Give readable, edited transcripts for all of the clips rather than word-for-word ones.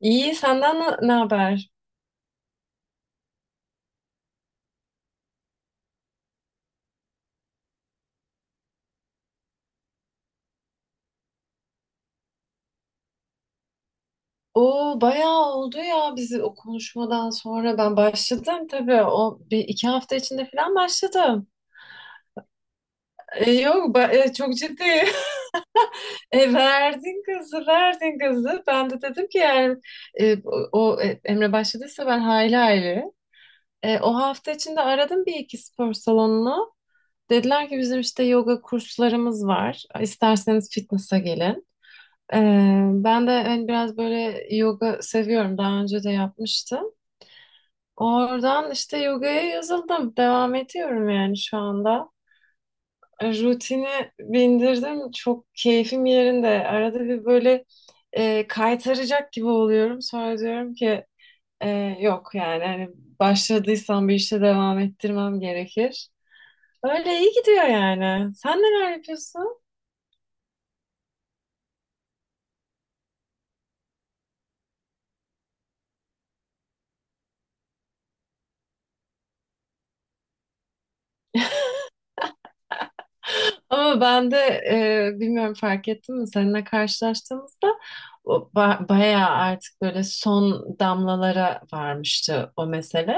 İyi, senden ne haber? O bayağı oldu ya, bizi o konuşmadan sonra ben başladım tabii, o bir iki hafta içinde falan başladım. Yok, çok ciddi. Verdin kızı, verdin kızı. Ben de dedim ki yani e, o Emre başladıysa ben hayli hayli. O hafta içinde aradım bir iki spor salonunu. Dediler ki bizim işte yoga kurslarımız var. İsterseniz fitness'a gelin. Ben de hani biraz böyle yoga seviyorum. Daha önce de yapmıştım. Oradan işte yogaya yazıldım. Devam ediyorum yani şu anda. Rutini bindirdim. Çok keyfim yerinde. Arada bir böyle kaytaracak gibi oluyorum. Sonra diyorum ki e, yok, yani hani başladıysam bir işe devam ettirmem gerekir. Öyle iyi gidiyor yani. Sen neler yapıyorsun? Ama ben de bilmiyorum, fark ettin mi, seninle karşılaştığımızda o bayağı artık böyle son damlalara varmıştı o mesele.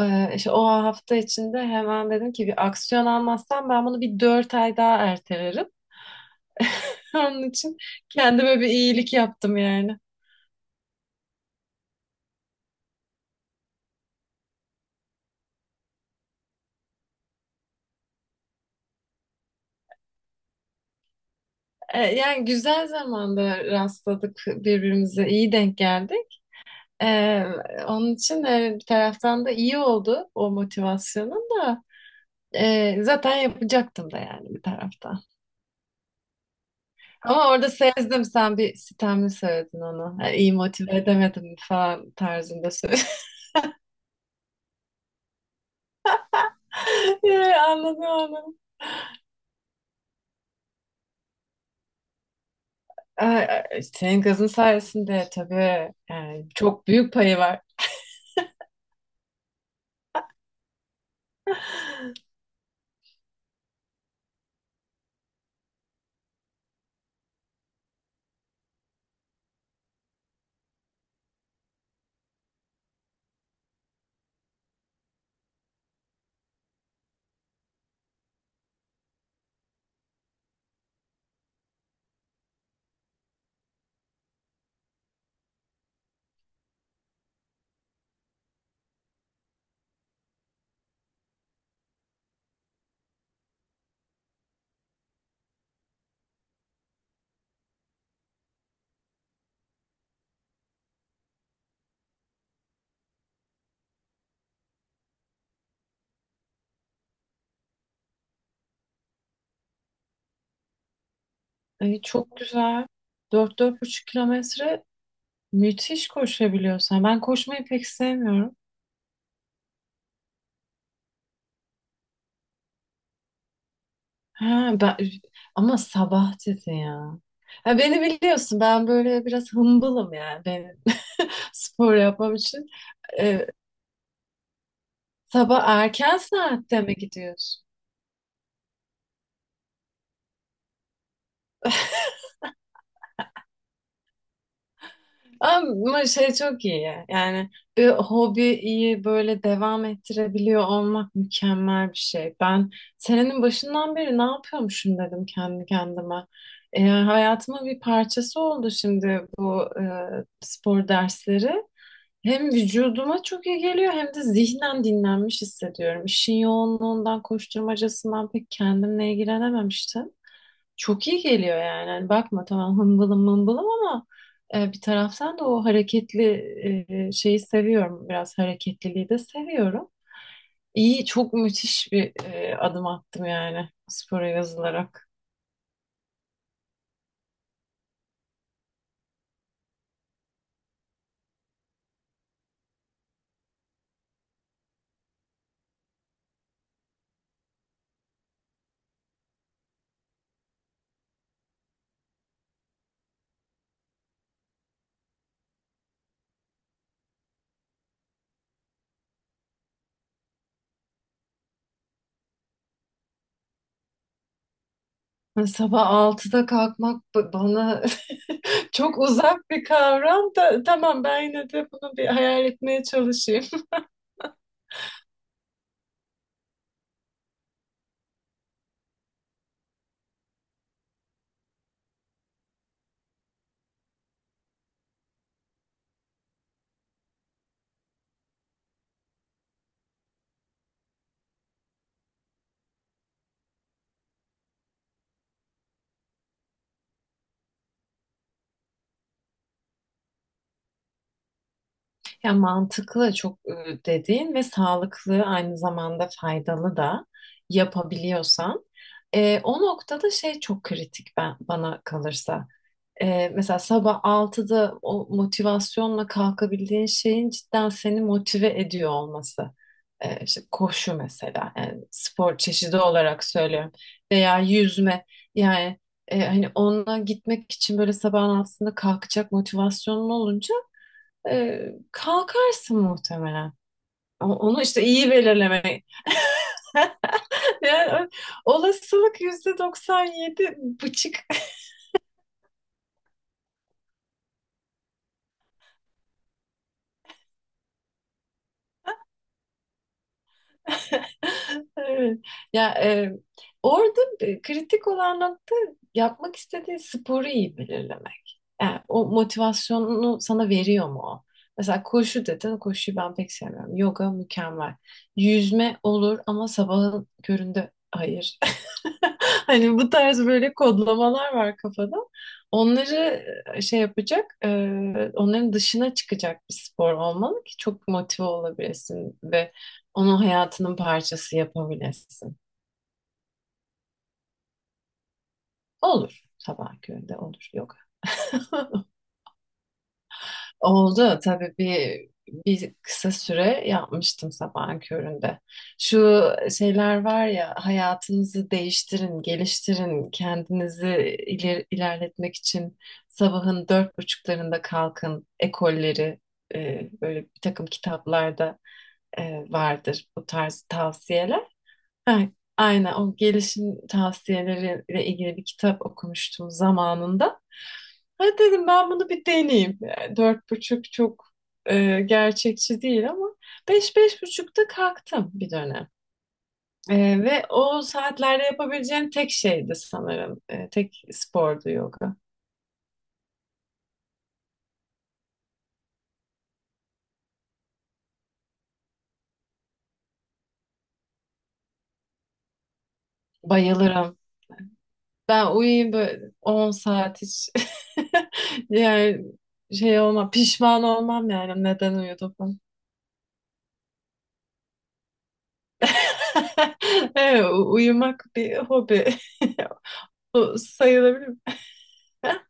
İşte o hafta içinde hemen dedim ki bir aksiyon almazsam ben bunu bir 4 ay daha ertelerim. Onun için kendime bir iyilik yaptım yani. Yani güzel zamanda rastladık birbirimize, iyi denk geldik. E, Onun için bir taraftan da iyi oldu o motivasyonun da. Zaten yapacaktım da yani bir tarafta. Ama orada sezdim, sen bir sitemli söyledin onu. Yani iyi motive edemedim falan tarzında söyledin. Yani anladım onu. Ay, ay, senin kızın sayesinde tabii, yani çok büyük payı var. Ay, çok güzel. Dört, 45 kilometre, müthiş koşabiliyorsan. Ben koşmayı pek sevmiyorum. Ha, ama sabah dedi ya. Ya, beni biliyorsun, ben böyle biraz hımbılım yani, ben spor yapmam için. Ee, Sabah erken saatte mi gidiyorsun? Ama şey çok iyi ya. Yani bir hobiyi böyle devam ettirebiliyor olmak mükemmel bir şey. Ben senenin başından beri ne yapıyormuşum dedim kendi kendime. Hayatımın bir parçası oldu şimdi bu spor dersleri. Hem vücuduma çok iyi geliyor, hem de zihnen dinlenmiş hissediyorum. İşin yoğunluğundan, koşturmacasından pek kendimle ilgilenememiştim. Çok iyi geliyor yani. Hani bakma, tamam, hımbılım mımbılım, ama bir taraftan da o hareketli şeyi seviyorum. Biraz hareketliliği de seviyorum. İyi, çok müthiş bir adım attım yani, spora yazılarak. Hani sabah altıda kalkmak bana çok uzak bir kavram. Da tamam, ben yine de bunu bir hayal etmeye çalışayım. Ya mantıklı çok dediğin ve sağlıklı, aynı zamanda faydalı da yapabiliyorsan. O noktada şey çok kritik, bana kalırsa. Mesela sabah altıda o motivasyonla kalkabildiğin şeyin cidden seni motive ediyor olması. İşte koşu mesela, yani spor çeşidi olarak söylüyorum, veya yüzme yani, hani onunla gitmek için böyle sabahın altısında kalkacak motivasyonun olunca e, kalkarsın muhtemelen. Onu işte iyi belirlemek. Yani olasılık %97,5. Evet. Ya, orada kritik olan nokta, yapmak istediğin sporu iyi belirlemek. Yani o motivasyonunu sana veriyor mu o? Mesela koşu dedin, koşuyu ben pek sevmiyorum. Yoga mükemmel. Yüzme olur ama sabahın köründe hayır. Hani bu tarz böyle kodlamalar var kafada. Onları şey yapacak, onların dışına çıkacak bir spor olmalı ki çok motive olabilesin ve onu hayatının parçası yapabilesin. Olur. Sabah köründe olur yoga. Oldu tabii, bir kısa süre yapmıştım sabahın köründe. Şu şeyler var ya, hayatınızı değiştirin, geliştirin, kendinizi ilerletmek için sabahın dört buçuklarında kalkın ekolleri, böyle bir takım kitaplarda e, vardır bu tarz tavsiyeler. Ay- Aynen, o gelişim tavsiyeleriyle ilgili bir kitap okumuştum zamanında. Hadi dedim, ben bunu bir deneyeyim. Yani dört buçuk çok gerçekçi değil, ama beş beş buçukta kalktım bir dönem. E, Ve o saatlerde yapabileceğim tek şeydi sanırım. Tek spordu yoga. Bayılırım. Ben uyuyayım böyle 10 saat hiç. Yani şey olmam, pişman olmam yani, neden uyudum. Evet, uyumak bir hobi. Bu sayılabilir mi?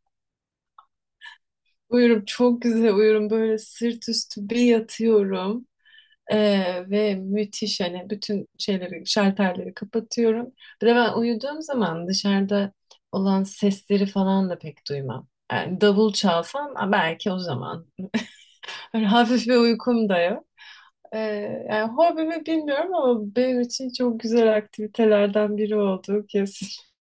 Uyurum, çok güzel uyurum. Böyle sırt üstü bir yatıyorum. Ve müthiş, hani bütün şeyleri, şalterleri kapatıyorum. Bir de ben uyuduğum zaman dışarıda olan sesleri falan da pek duymam. Yani davul çalsam, ha, belki o zaman. Böyle hafif bir uykum da yok. Ee, Yani hobi mi bilmiyorum, ama benim için çok güzel aktivitelerden biri oldu kesin.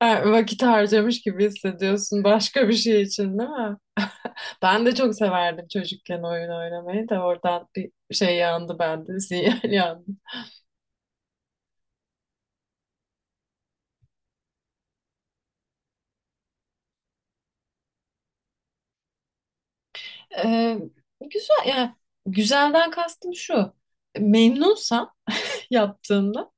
Ha, vakit harcamış gibi hissediyorsun, başka bir şey için, değil mi? Ben de çok severdim çocukken oyun oynamayı, da oradan bir şey yandı bende, sinyal yandı. Ee, Güzel yani, güzelden kastım şu. Memnunsam yaptığımda,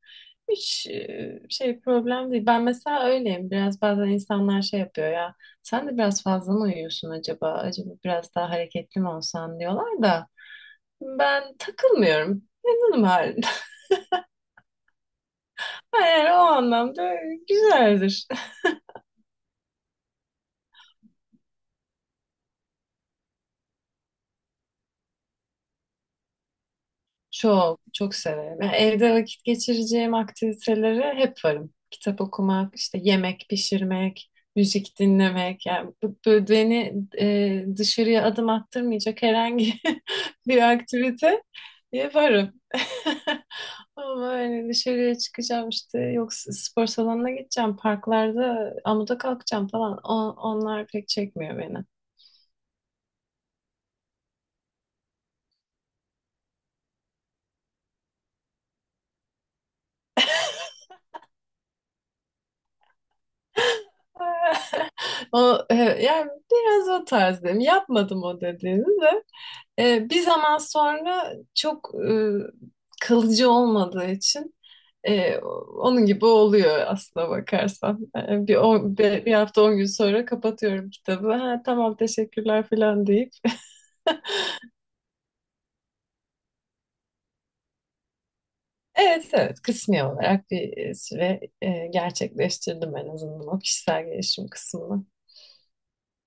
hiç şey problem değil. Ben mesela öyleyim. Biraz bazen insanlar şey yapıyor ya. Sen de biraz fazla mı uyuyorsun acaba? Acaba biraz daha hareketli mi olsan diyorlar da. Ben takılmıyorum. Memnunum halimden. Eğer o anlamda, güzeldir. Çok, çok severim. Yani evde vakit geçireceğim aktivitelere hep varım. Kitap okumak, işte yemek pişirmek, müzik dinlemek. Yani bu beni dışarıya adım attırmayacak herhangi bir aktivite yaparım. Ama hani dışarıya çıkacağım, işte yok, spor salonuna gideceğim, parklarda amuda kalkacağım falan. Onlar pek çekmiyor beni. O, yani biraz o tarzdayım. Yapmadım o dediğini de. Bir zaman sonra çok kalıcı olmadığı için e, onun gibi oluyor aslına bakarsan. Hafta 10 gün sonra kapatıyorum kitabı. Ha, tamam, teşekkürler falan deyip Evet, evet, kısmi olarak bir süre gerçekleştirdim en azından o kişisel gelişim kısmını.